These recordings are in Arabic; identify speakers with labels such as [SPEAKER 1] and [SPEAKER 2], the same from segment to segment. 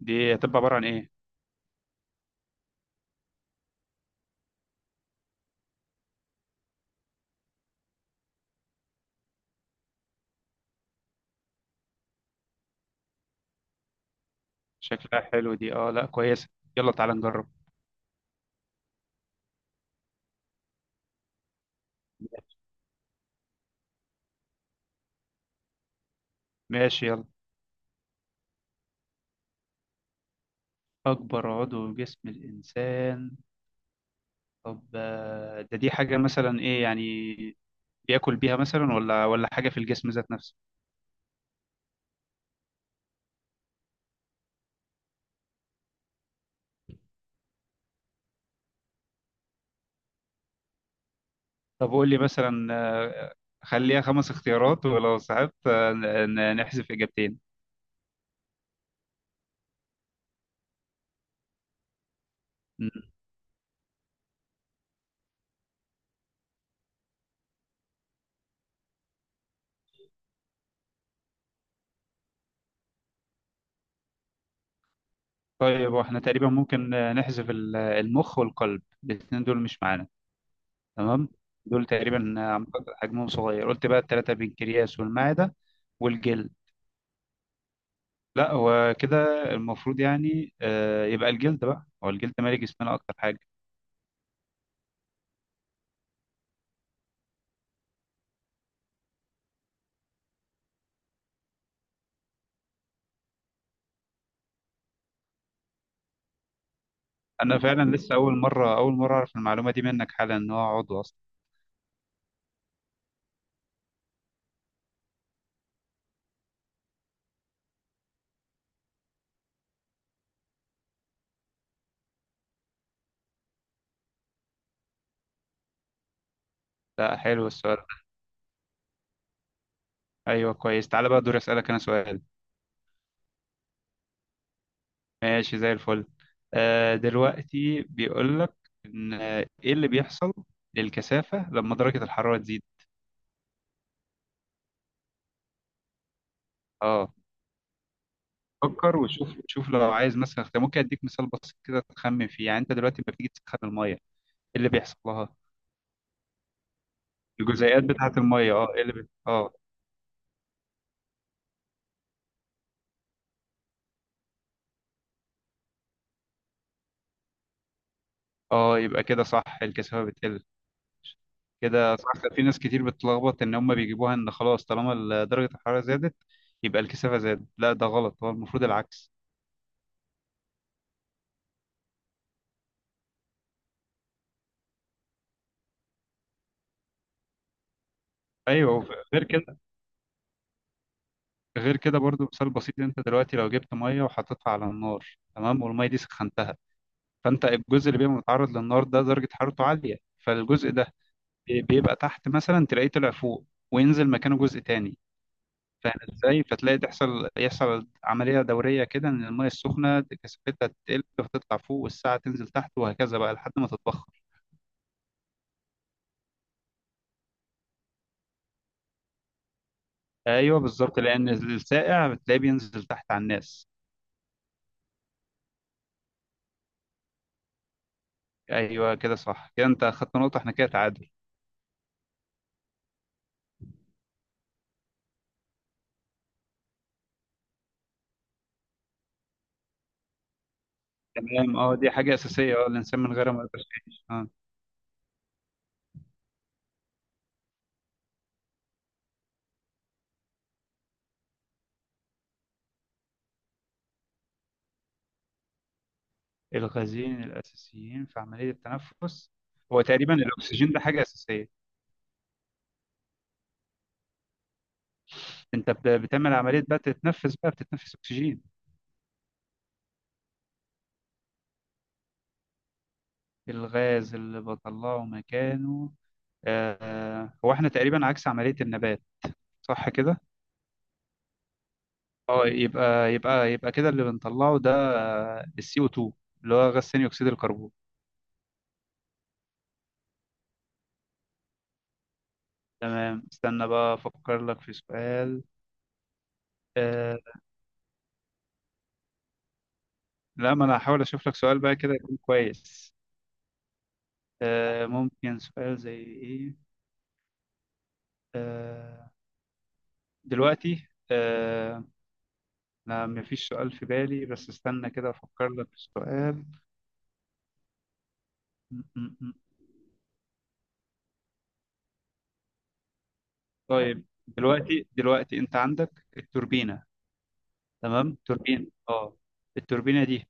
[SPEAKER 1] دي هتبقى عبارة عن ايه؟ شكلها حلو دي، اه لا كويسة. يلا تعالى نجرب. ماشي يلا. أكبر عضو في جسم الإنسان. طب ده دي حاجة مثلا إيه يعني؟ بياكل بيها مثلا ولا حاجة في الجسم ذات نفسه؟ طب قول لي مثلا، خليها خمس اختيارات، ولو صعبت نحذف إجابتين. مم. طيب واحنا تقريبا ممكن نحذف المخ والقلب، الاتنين دول مش معانا. تمام. دول تقريبا حجمهم صغير، قلت بقى الثلاثة: البنكرياس والمعدة والجلد. لا هو كده، المفروض يعني يبقى الجلد، بقى هو الجلد مالي جسمنا أكتر حاجة. أنا فعلا لسه أول مرة أعرف المعلومة دي منك حالا، إن هو عضو أصلا. لا حلو السؤال ده. أيوه كويس، تعالى بقى دوري أسألك أنا سؤال. ماشي زي الفل. دلوقتي بيقول لك إن إيه اللي بيحصل للكثافة لما درجة الحرارة تزيد؟ اه، فكر وشوف، شوف لو عايز مثلا اختيار ممكن اديك مثال بسيط كده تخمن فيه. يعني انت دلوقتي لما بتيجي تسخن الميه، ايه اللي بيحصل لها؟ الجزيئات بتاعه الميه، اه، ايه اه. اه، يبقى كده صح، الكثافه بتقل. كده صح، في ناس كتير بتتلخبط ان هم بيجيبوها ان خلاص طالما درجه الحراره زادت يبقى الكثافه زادت، لا ده غلط، هو المفروض العكس. ايوه وف- غير كده، غير كده برضو مثال بسيط، انت دلوقتي لو جبت ميه وحطيتها على النار، تمام، والميه دي سخنتها، فانت الجزء اللي بيبقى متعرض للنار ده درجه حرارته عاليه، فالجزء ده بيبقى تحت مثلا تلاقيه طلع فوق، وينزل مكانه جزء تاني. فاهم ازاي؟ فتلاقي يحصل عملية دورية كده، ان المية السخنة كثافتها تقل فتطلع فوق، والساعة تنزل تحت، وهكذا بقى لحد ما تتبخر. ايوه بالظبط، لان السائع بتلاقيه بينزل تحت على الناس. ايوه كده صح، كده انت اخدت نقطة، احنا كده تعادل. تمام، اه، دي حاجة أساسية، اه، الإنسان من غيرها ما يقدرش يعيش، اه. الغازين الأساسيين في عملية التنفس، هو تقريبا الأكسجين ده حاجة أساسية. انت بتعمل عمليه بقى تتنفس، بقى بتتنفس اكسجين. الغاز اللي بطلعه مكانه، هو احنا تقريبا عكس عمليه النبات، صح كده؟ اه يبقى يبقى كده اللي بنطلعه ده السي او 2، اللي هو غاز ثاني اكسيد الكربون. تمام استنى بقى افكر لك في سؤال. آه، لا ما انا هحاول اشوف لك سؤال بقى كده يكون كويس. ممكن سؤال زي ايه؟ آه، دلوقتي، أنا مفيش سؤال في بالي، بس استنى كده أفكر لك في السؤال. م- م- م. طيب دلوقتي، دلوقتي أنت عندك التوربينة. تمام توربينة، أه. التوربينة دي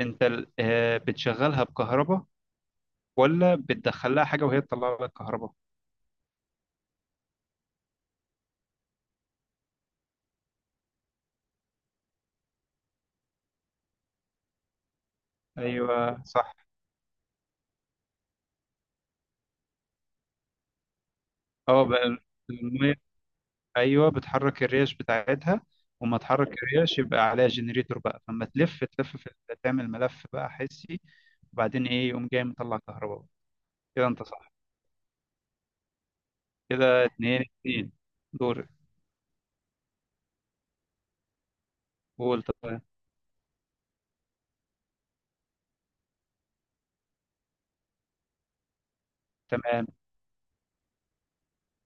[SPEAKER 1] أنت بتشغلها بكهرباء، ولا بتدخل لها حاجة وهي تطلع لك كهرباء؟ أيوه صح. أه بقى، المية، أيوه بتحرك الريش بتاعتها، وما تحرك الريش يبقى عليها جنريتور بقى، فما تلف تلف في تعمل ملف بقى حسي، وبعدين إيه يقوم جاي مطلع كهرباء. كده أنت صح، كده اتنين اتنين. دورك. قول طيب. تمام،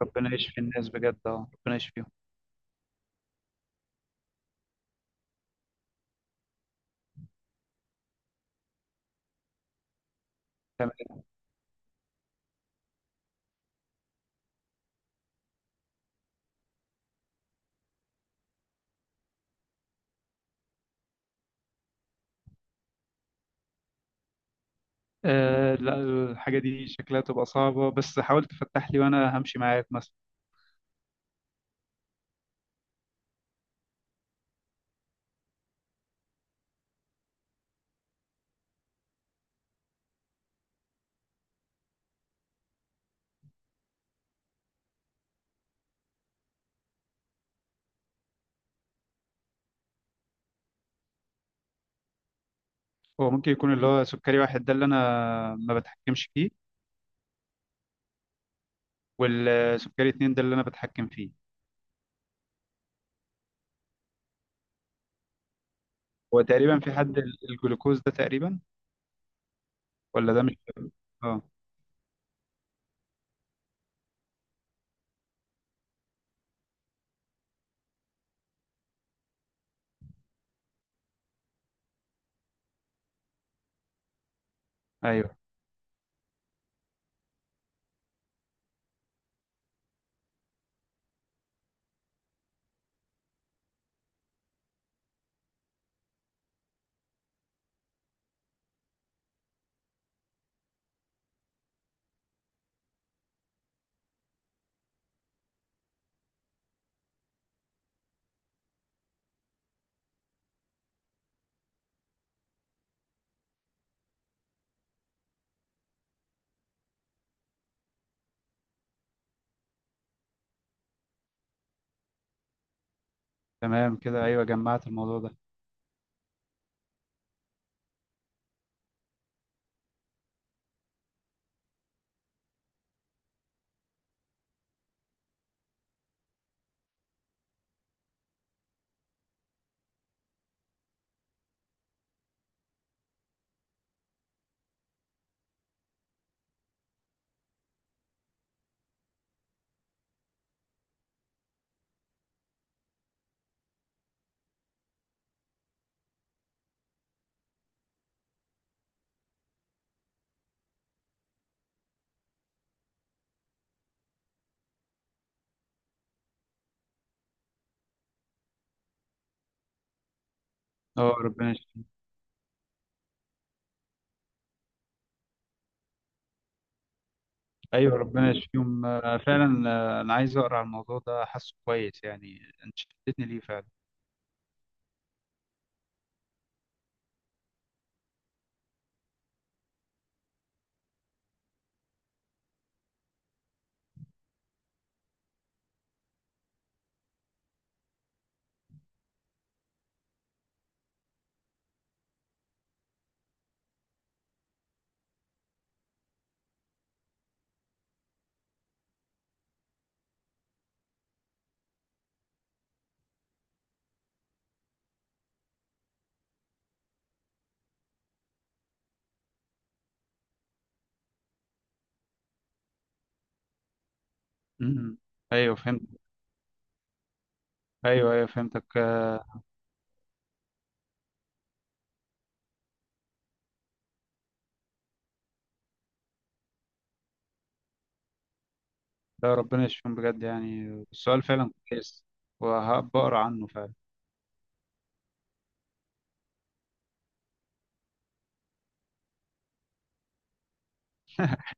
[SPEAKER 1] ربنا يشفي الناس بجد، اه ربنا يشفيهم. تمام. آه لا، الحاجة دي شكلها تبقى صعبة، بس حاول تفتح لي وأنا همشي معاك مثلا. هو ممكن يكون اللي هو سكري واحد ده اللي أنا ما بتحكمش فيه، والسكري اتنين ده اللي أنا بتحكم فيه. هو تقريبا في حد الجلوكوز ده تقريبا، ولا ده مش، اه. أيوه تمام كده، أيوه جمعت الموضوع ده. اه ربنا. ايوه ربنا يشفيهم فعلا. انا عايز اقرا على الموضوع ده، حاسه كويس يعني، انت شدتني ليه فعلا. امم، ايوه فهمت. ايوه ايوه فهمتك لا ربنا يشفيهم بجد يعني. السؤال فعلا كويس وهبقرا عنه فعلا.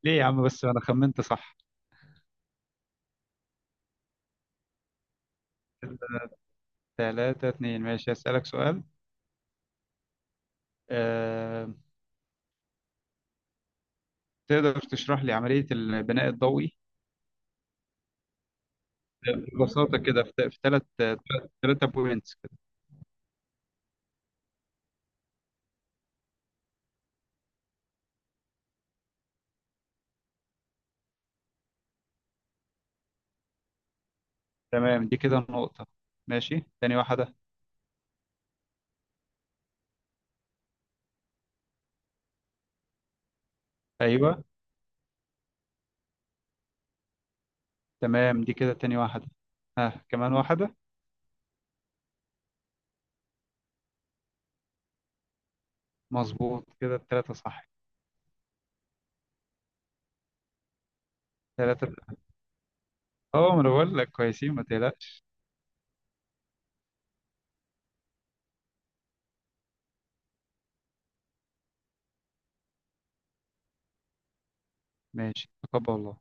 [SPEAKER 1] ليه يا عم؟ بس انا خمنت صح. 3-2 ماشي، هسألك سؤال. أه... تقدر تشرح لي عملية البناء الضوئي ببساطة كده؟ في ثلاث ثلاثة بوينتس كده. تمام دي كده النقطة، ماشي تاني واحدة. أيوه. تمام دي كده تاني واحدة، ها كمان واحدة. مظبوط كده التلاتة صح. تلاتة، اه، ما انا بقول لك كويسين ما تقلقش. ماشي تقبل الله.